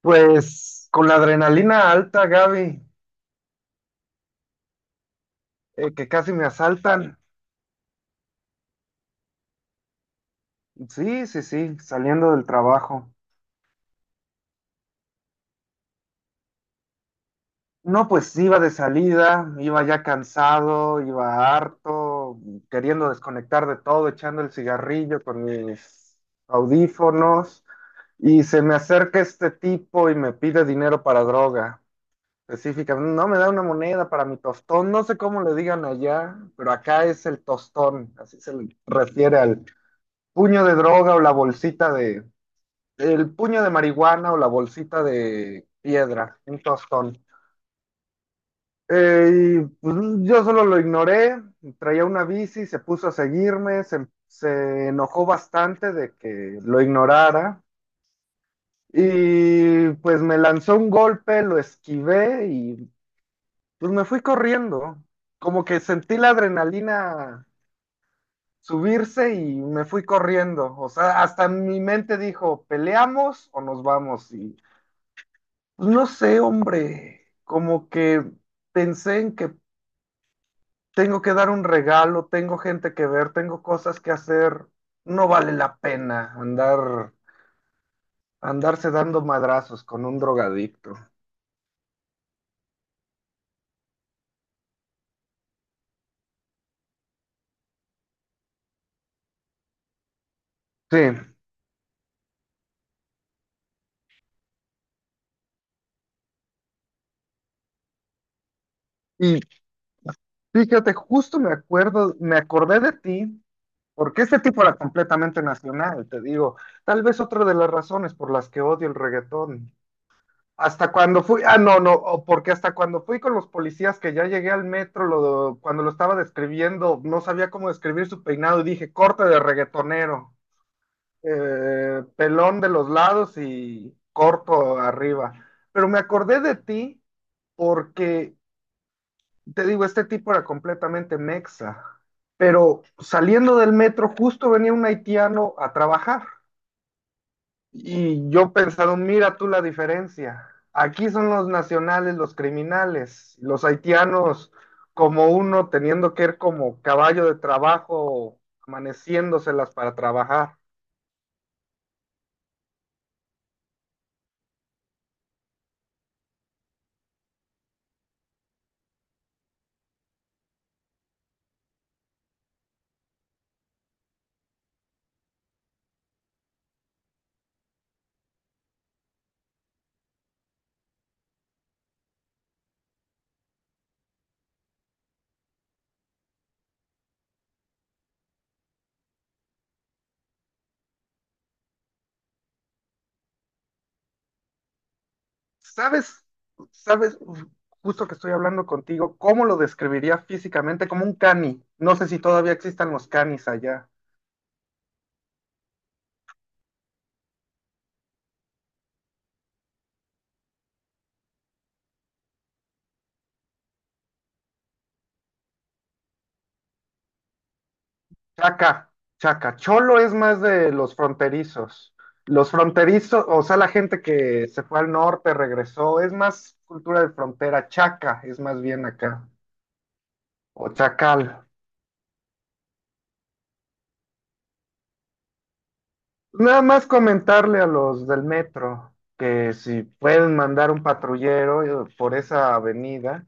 Pues con la adrenalina alta, Gaby, que casi me asaltan. Sí, sí, sí, saliendo del trabajo. No, pues iba de salida, iba ya cansado, iba harto, queriendo desconectar de todo, echando el cigarrillo con mis audífonos, y se me acerca este tipo y me pide dinero para droga. Específicamente, no me da una moneda para mi tostón, no sé cómo le digan allá, pero acá es el tostón, así se le refiere al puño de droga o la bolsita de, el puño de marihuana o la bolsita de piedra, un tostón. Eh, y pues, yo solo lo ignoré, traía una bici, se puso a seguirme, se enojó bastante de que lo ignorara y pues me lanzó un golpe, lo esquivé y pues me fui corriendo. Como que sentí la adrenalina subirse y me fui corriendo. O sea, hasta mi mente dijo, ¿peleamos o nos vamos? Y pues, no sé, hombre, como que pensé en que tengo que dar un regalo, tengo gente que ver, tengo cosas que hacer. No vale la pena andar, andarse dando madrazos con un drogadicto. Sí, y fíjate, justo me acordé de ti, porque este tipo era completamente nacional, te digo. Tal vez otra de las razones por las que odio el reggaetón. Hasta cuando fui, ah, no, no, o Porque hasta cuando fui con los policías que ya llegué al metro, cuando lo estaba describiendo, no sabía cómo describir su peinado y dije corte de reggaetonero, pelón de los lados y corto arriba. Pero me acordé de ti porque, te digo, este tipo era completamente mexa, pero saliendo del metro justo venía un haitiano a trabajar. Y yo pensando, mira tú la diferencia. Aquí son los nacionales, los criminales, los haitianos como uno teniendo que ir como caballo de trabajo, amaneciéndoselas para trabajar. ¿Sabes? ¿Sabes? Justo que estoy hablando contigo, ¿cómo lo describiría físicamente? Como un cani. No sé si todavía existan los canis allá. Chaca, chaca. Cholo es más de los fronterizos. Los fronterizos, o sea, la gente que se fue al norte, regresó, es más cultura de frontera. Chaca es más bien acá. O chacal. Nada más comentarle a los del metro que si pueden mandar un patrullero por esa avenida.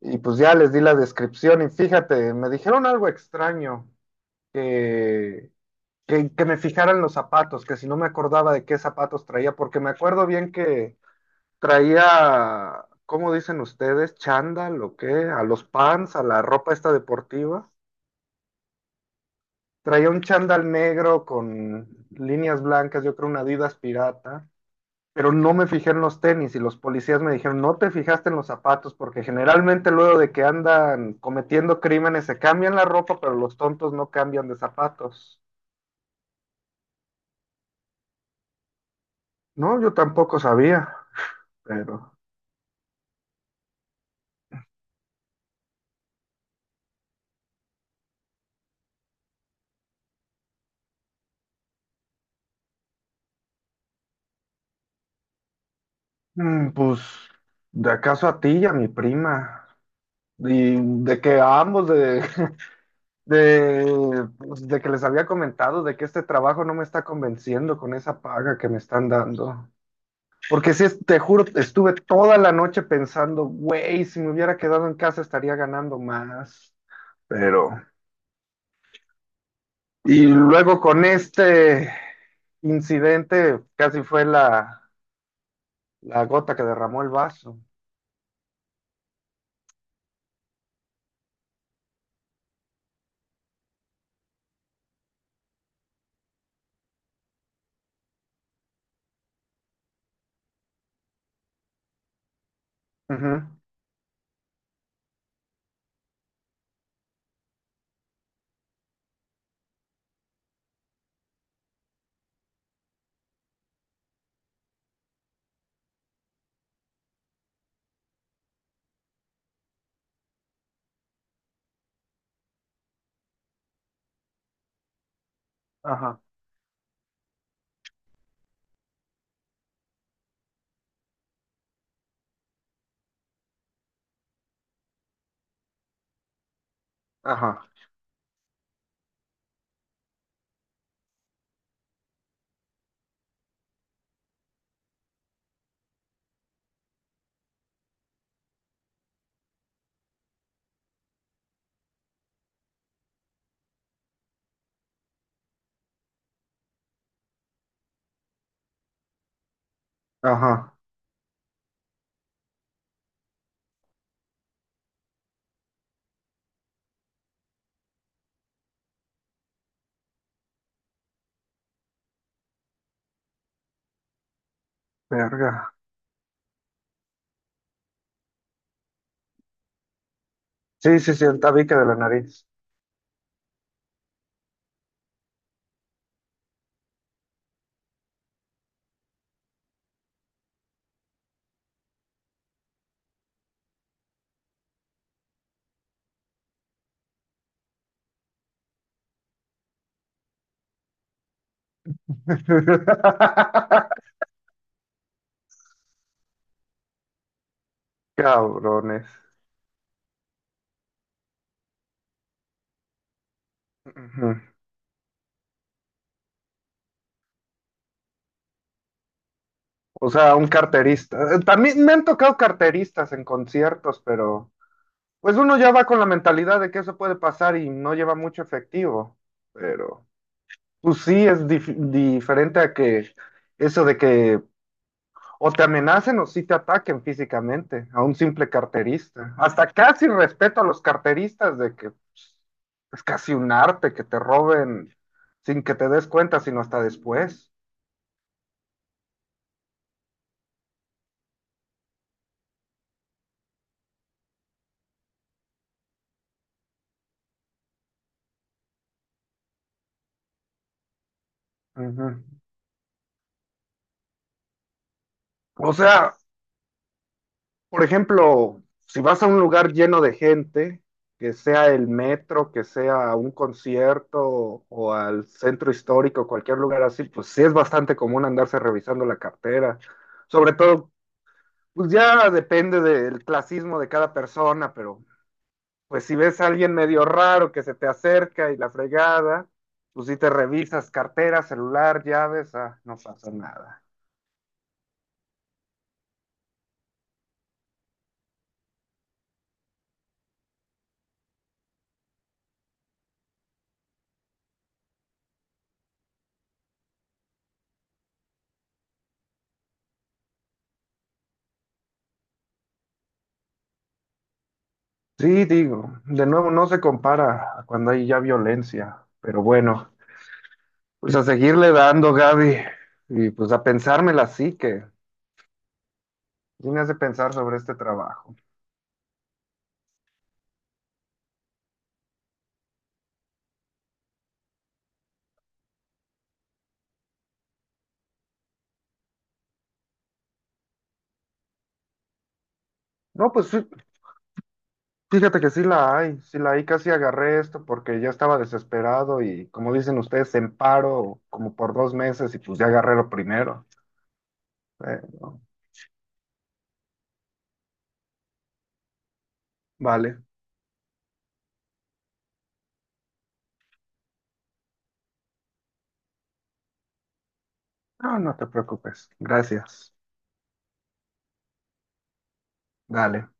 Y pues ya les di la descripción y fíjate, me dijeron algo extraño, que, que me fijaran los zapatos, que si no me acordaba de qué zapatos traía, porque me acuerdo bien que traía, ¿cómo dicen ustedes? ¿Chándal o qué? A los pants, a la ropa esta deportiva. Traía un chándal negro con líneas blancas, yo creo una Adidas pirata, pero no me fijé en los tenis y los policías me dijeron, no te fijaste en los zapatos porque generalmente luego de que andan cometiendo crímenes se cambian la ropa, pero los tontos no cambian de zapatos. No, yo tampoco sabía, pero... pues, ¿de acaso a ti y a mi prima? Y de que a ambos, de, pues, de que les había comentado de que este trabajo no me está convenciendo con esa paga que me están dando. Porque si te juro, estuve toda la noche pensando, güey, si me hubiera quedado en casa estaría ganando más. Pero, y luego con este incidente casi fue la, la gota que derramó el vaso. Ujú. Ajá, ajá, ajá. Verga. Sí, sí, sí, el tabique de la nariz. Cabrones. Ujú. O sea, un carterista. También me han tocado carteristas en conciertos, pero pues uno ya va con la mentalidad de que eso puede pasar y no lleva mucho efectivo. Pero pues sí es diferente a que eso de que o te amenacen o sí te ataquen físicamente a un simple carterista. Hasta casi respeto a los carteristas de que pues, es casi un arte que te roben sin que te des cuenta, sino hasta después. Ujú. O sea, por ejemplo, si vas a un lugar lleno de gente, que sea el metro, que sea un concierto o al centro histórico, cualquier lugar así, pues sí es bastante común andarse revisando la cartera. Sobre todo, pues ya depende del clasismo de cada persona, pero pues si ves a alguien medio raro que se te acerca y la fregada, pues sí te revisas cartera, celular, llaves, ah, no pasa nada. Sí, digo, de nuevo no se compara a cuando hay ya violencia, pero bueno, pues a seguirle dando, Gaby, y pues a pensármela así que sí me hace pensar sobre este trabajo. No, pues fíjate que sí la hay, casi agarré esto porque ya estaba desesperado y como dicen ustedes, en paro como por 2 meses y pues ya agarré lo primero. Pero, vale, no, no te preocupes, gracias, dale.